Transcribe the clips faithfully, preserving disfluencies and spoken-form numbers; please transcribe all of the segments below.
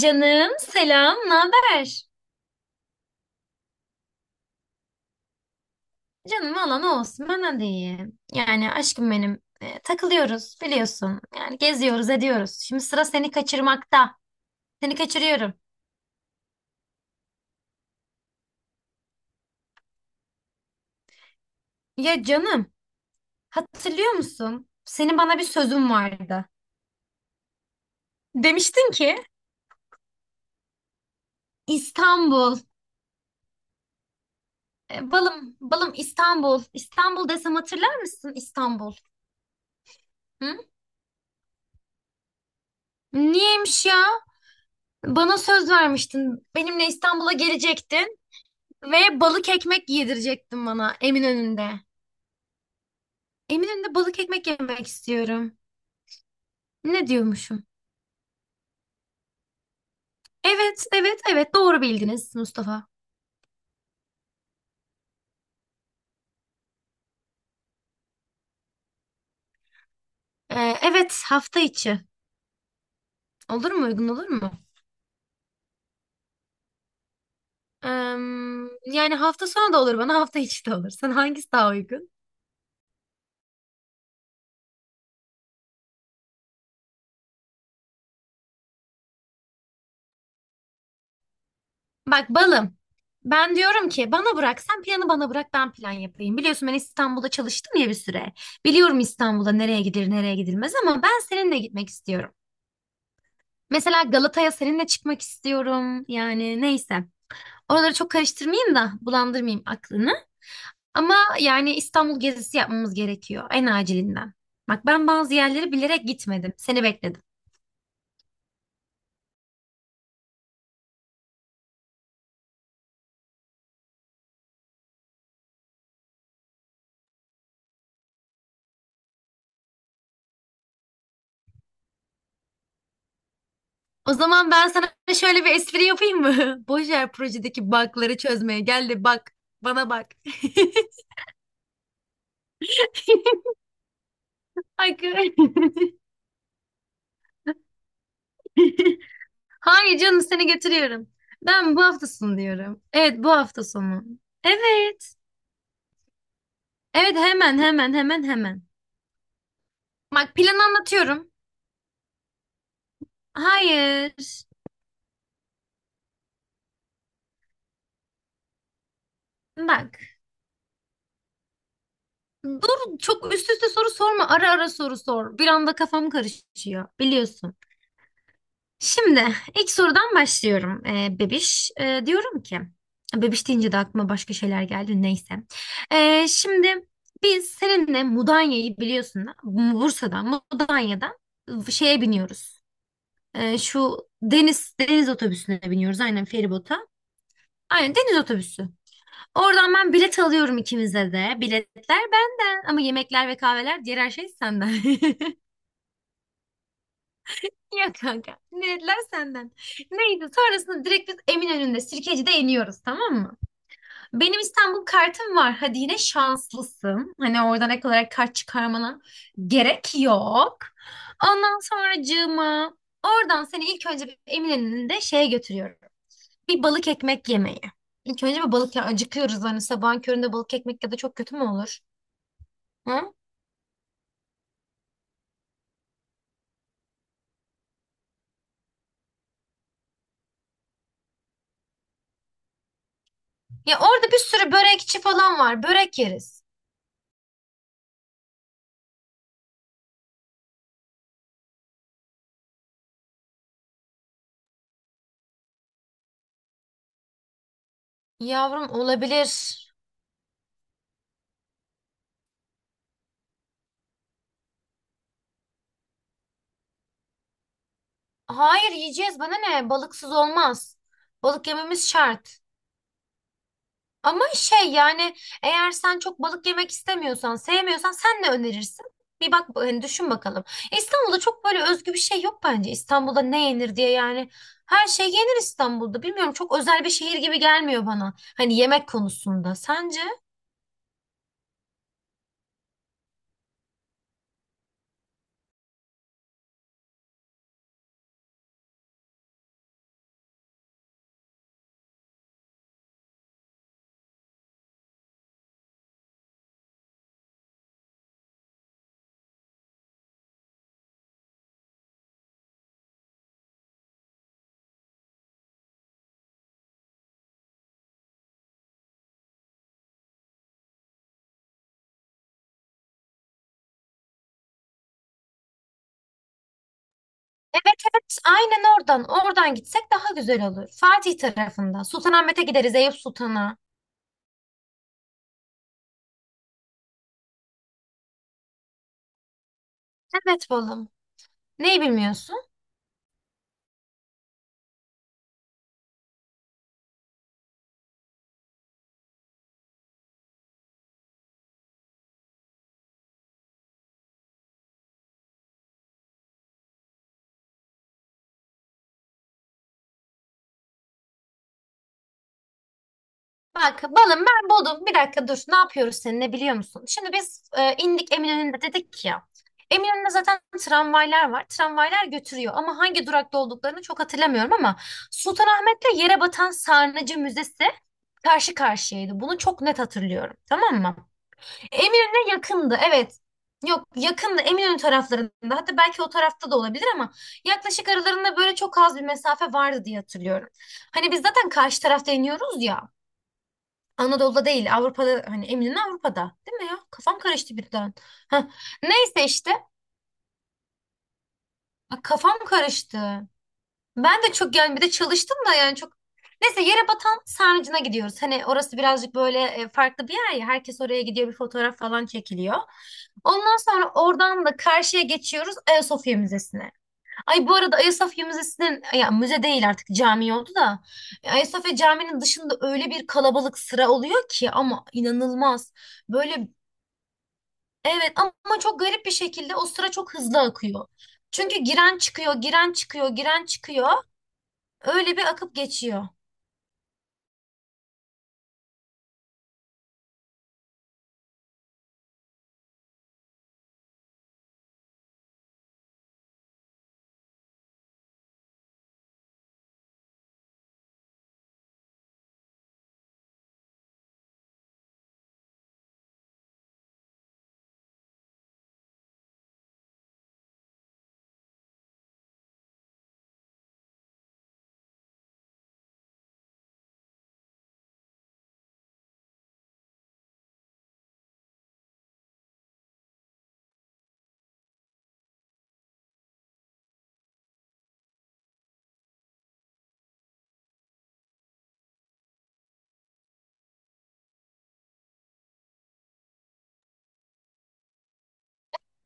Canım selam, ne haber? Canım valla ne olsun bana de iyi. Yani aşkım benim e, takılıyoruz biliyorsun. Yani geziyoruz ediyoruz. Şimdi sıra seni kaçırmakta. Seni kaçırıyorum. Ya canım, hatırlıyor musun? Senin bana bir sözün vardı. Demiştin ki İstanbul. E, balım balım İstanbul. İstanbul desem hatırlar mısın İstanbul? Hı? Niyeymiş ya? Bana söz vermiştin. Benimle İstanbul'a gelecektin. Ve balık ekmek yedirecektin bana Eminönü'nde. Eminönü'nde balık ekmek yemek istiyorum. Ne diyormuşum? Evet, evet, evet, doğru bildiniz Mustafa. Ee, evet, hafta içi. Olur mu? Uygun olur mu? Ee, Yani hafta sonu da olur, bana hafta içi de olur. Sana hangisi daha uygun? Bak balım. Ben diyorum ki bana bırak, sen planı bana bırak, ben plan yapayım. Biliyorsun ben İstanbul'da çalıştım ya bir süre. Biliyorum İstanbul'da nereye gidilir nereye gidilmez, ama ben seninle gitmek istiyorum. Mesela Galata'ya seninle çıkmak istiyorum. Yani neyse. Oraları çok karıştırmayayım da bulandırmayayım aklını. Ama yani İstanbul gezisi yapmamız gerekiyor en acilinden. Bak, ben bazı yerleri bilerek gitmedim. Seni bekledim. O zaman ben sana şöyle bir espri yapayım mı? Boşver projedeki bug'ları çözmeye. Gel de bak. Bana bak. Ay, kız. Hayır canım, seni getiriyorum. Ben bu hafta sonu diyorum. Evet, bu hafta sonu. Evet. Evet, hemen hemen hemen hemen. Bak, planı anlatıyorum. Hayır. Bak. Dur, çok üst üste soru sorma. Ara ara soru sor. Bir anda kafam karışıyor. Biliyorsun. Şimdi ilk sorudan başlıyorum. Ee, bebiş, e, diyorum ki, bebiş deyince de aklıma başka şeyler geldi, neyse. Ee, şimdi biz seninle Mudanya'yı biliyorsun da, Bursa'dan Mudanya'dan şeye biniyoruz. Ee, şu deniz deniz otobüsüne biniyoruz, aynen, feribota. Aynen, deniz otobüsü. Oradan ben bilet alıyorum ikimize de. Biletler benden, ama yemekler ve kahveler, diğer her şey senden. Yok kanka, ne dediler, senden. Neydi, sonrasında direkt biz Eminönü'nde, Sirkeci'de iniyoruz, tamam mı? Benim İstanbul kartım var. Hadi, yine şanslısın. Hani oradan ek olarak kart çıkarmana gerek yok. Ondan sonracığıma oradan seni ilk önce bir Eminönü'nde şeye götürüyorum. Bir balık ekmek yemeği. İlk önce bir balık, ya acıkıyoruz hani sabahın köründe, balık ekmek ya da çok kötü mü olur? Hı? Ya orada bir sürü börekçi falan var. Börek yeriz. Yavrum, olabilir. Hayır, yiyeceğiz, bana ne, balıksız olmaz. Balık yememiz şart. Ama şey yani, eğer sen çok balık yemek istemiyorsan, sevmiyorsan, sen ne önerirsin? Bir bak, hani düşün bakalım. İstanbul'da çok böyle özgü bir şey yok bence. İstanbul'da ne yenir diye yani. Her şey yenir İstanbul'da. Bilmiyorum, çok özel bir şehir gibi gelmiyor bana. Hani yemek konusunda. Sence? Evet evet, aynen, oradan. Oradan gitsek daha güzel olur. Fatih tarafında. Sultanahmet'e gideriz, Eyüp Sultan'a. Evet balım. Neyi bilmiyorsun? Bak balım, ben buldum. Bir dakika dur. Ne yapıyoruz seninle biliyor musun? Şimdi biz e, indik Eminönü'nde dedik ya. Eminönü'nde zaten tramvaylar var. Tramvaylar götürüyor, ama hangi durakta olduklarını çok hatırlamıyorum. Ama Sultanahmet'le yere batan Sarnıcı Müzesi karşı karşıyaydı. Bunu çok net hatırlıyorum. Tamam mı? Eminönü'ne yakındı. Evet. Yok, yakındı, Eminönü taraflarında. Hatta belki o tarafta da olabilir, ama yaklaşık aralarında böyle çok az bir mesafe vardı diye hatırlıyorum. Hani biz zaten karşı tarafta iniyoruz ya. Anadolu'da değil, Avrupa'da, hani eminim Avrupa'da, değil mi ya? Kafam karıştı birden. Heh. Neyse işte. Bak, kafam karıştı. Ben de çok yani, bir de çalıştım da yani çok. Neyse, yere batan sarnıcına gidiyoruz. Hani orası birazcık böyle e, farklı bir yer ya. Herkes oraya gidiyor, bir fotoğraf falan çekiliyor. Ondan sonra oradan da karşıya geçiyoruz, Ayasofya Müzesi'ne. Ay, bu arada, Ayasofya Müzesi'nin, ya müze değil artık, cami oldu da, Ayasofya Camii'nin dışında öyle bir kalabalık sıra oluyor ki, ama inanılmaz. Böyle. Evet, ama çok garip bir şekilde o sıra çok hızlı akıyor. Çünkü giren çıkıyor, giren çıkıyor, giren çıkıyor. Öyle bir akıp geçiyor.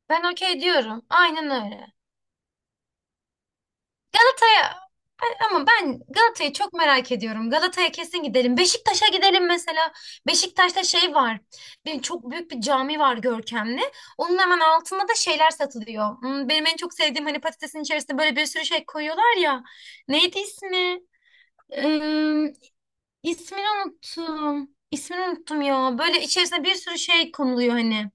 Ben okey diyorum. Aynen öyle. Galata'ya, ama ben Galata'yı çok merak ediyorum. Galata'ya kesin gidelim. Beşiktaş'a gidelim mesela. Beşiktaş'ta şey var. Bir, çok büyük bir cami var, görkemli. Onun hemen altında da şeyler satılıyor. Hmm, Benim en çok sevdiğim, hani patatesin içerisinde böyle bir sürü şey koyuyorlar ya. Neydi ismi? İsmini unuttum. İsmini unuttum ya. Böyle içerisine bir sürü şey konuluyor hani.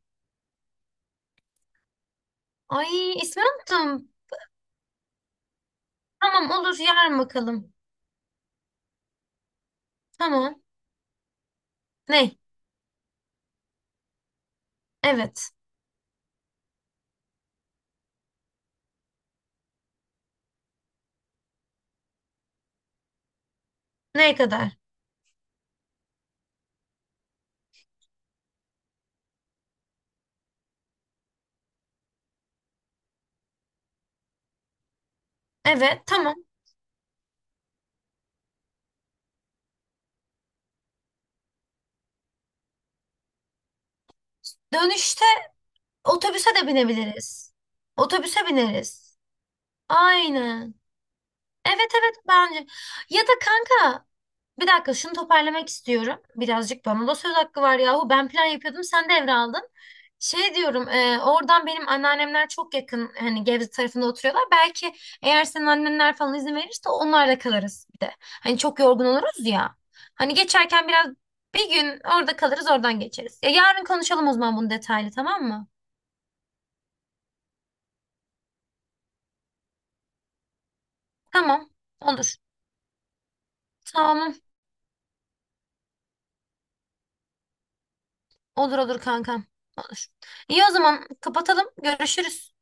Ay, ismini unuttum. Tamam, olur, yarın bakalım. Tamam. Ne? Evet. Ne kadar? Evet, tamam. Dönüşte otobüse de binebiliriz. Otobüse bineriz. Aynen. Evet evet, bence. Ya da kanka, bir dakika, şunu toparlamak istiyorum. Birazcık bana da söz hakkı var yahu. Ben plan yapıyordum, sen devraldın. Şey diyorum, e, oradan benim anneannemler çok yakın, hani Gebze tarafında oturuyorlar. Belki eğer senin annenler falan izin verirse, onlarla kalırız bir de. Hani çok yorgun oluruz ya. Hani geçerken biraz bir gün orada kalırız, oradan geçeriz. Ya yarın konuşalım o zaman bunu detaylı, tamam mı? Tamam, olur. Tamam, olur olur kankam, olur. İyi, o zaman kapatalım, görüşürüz.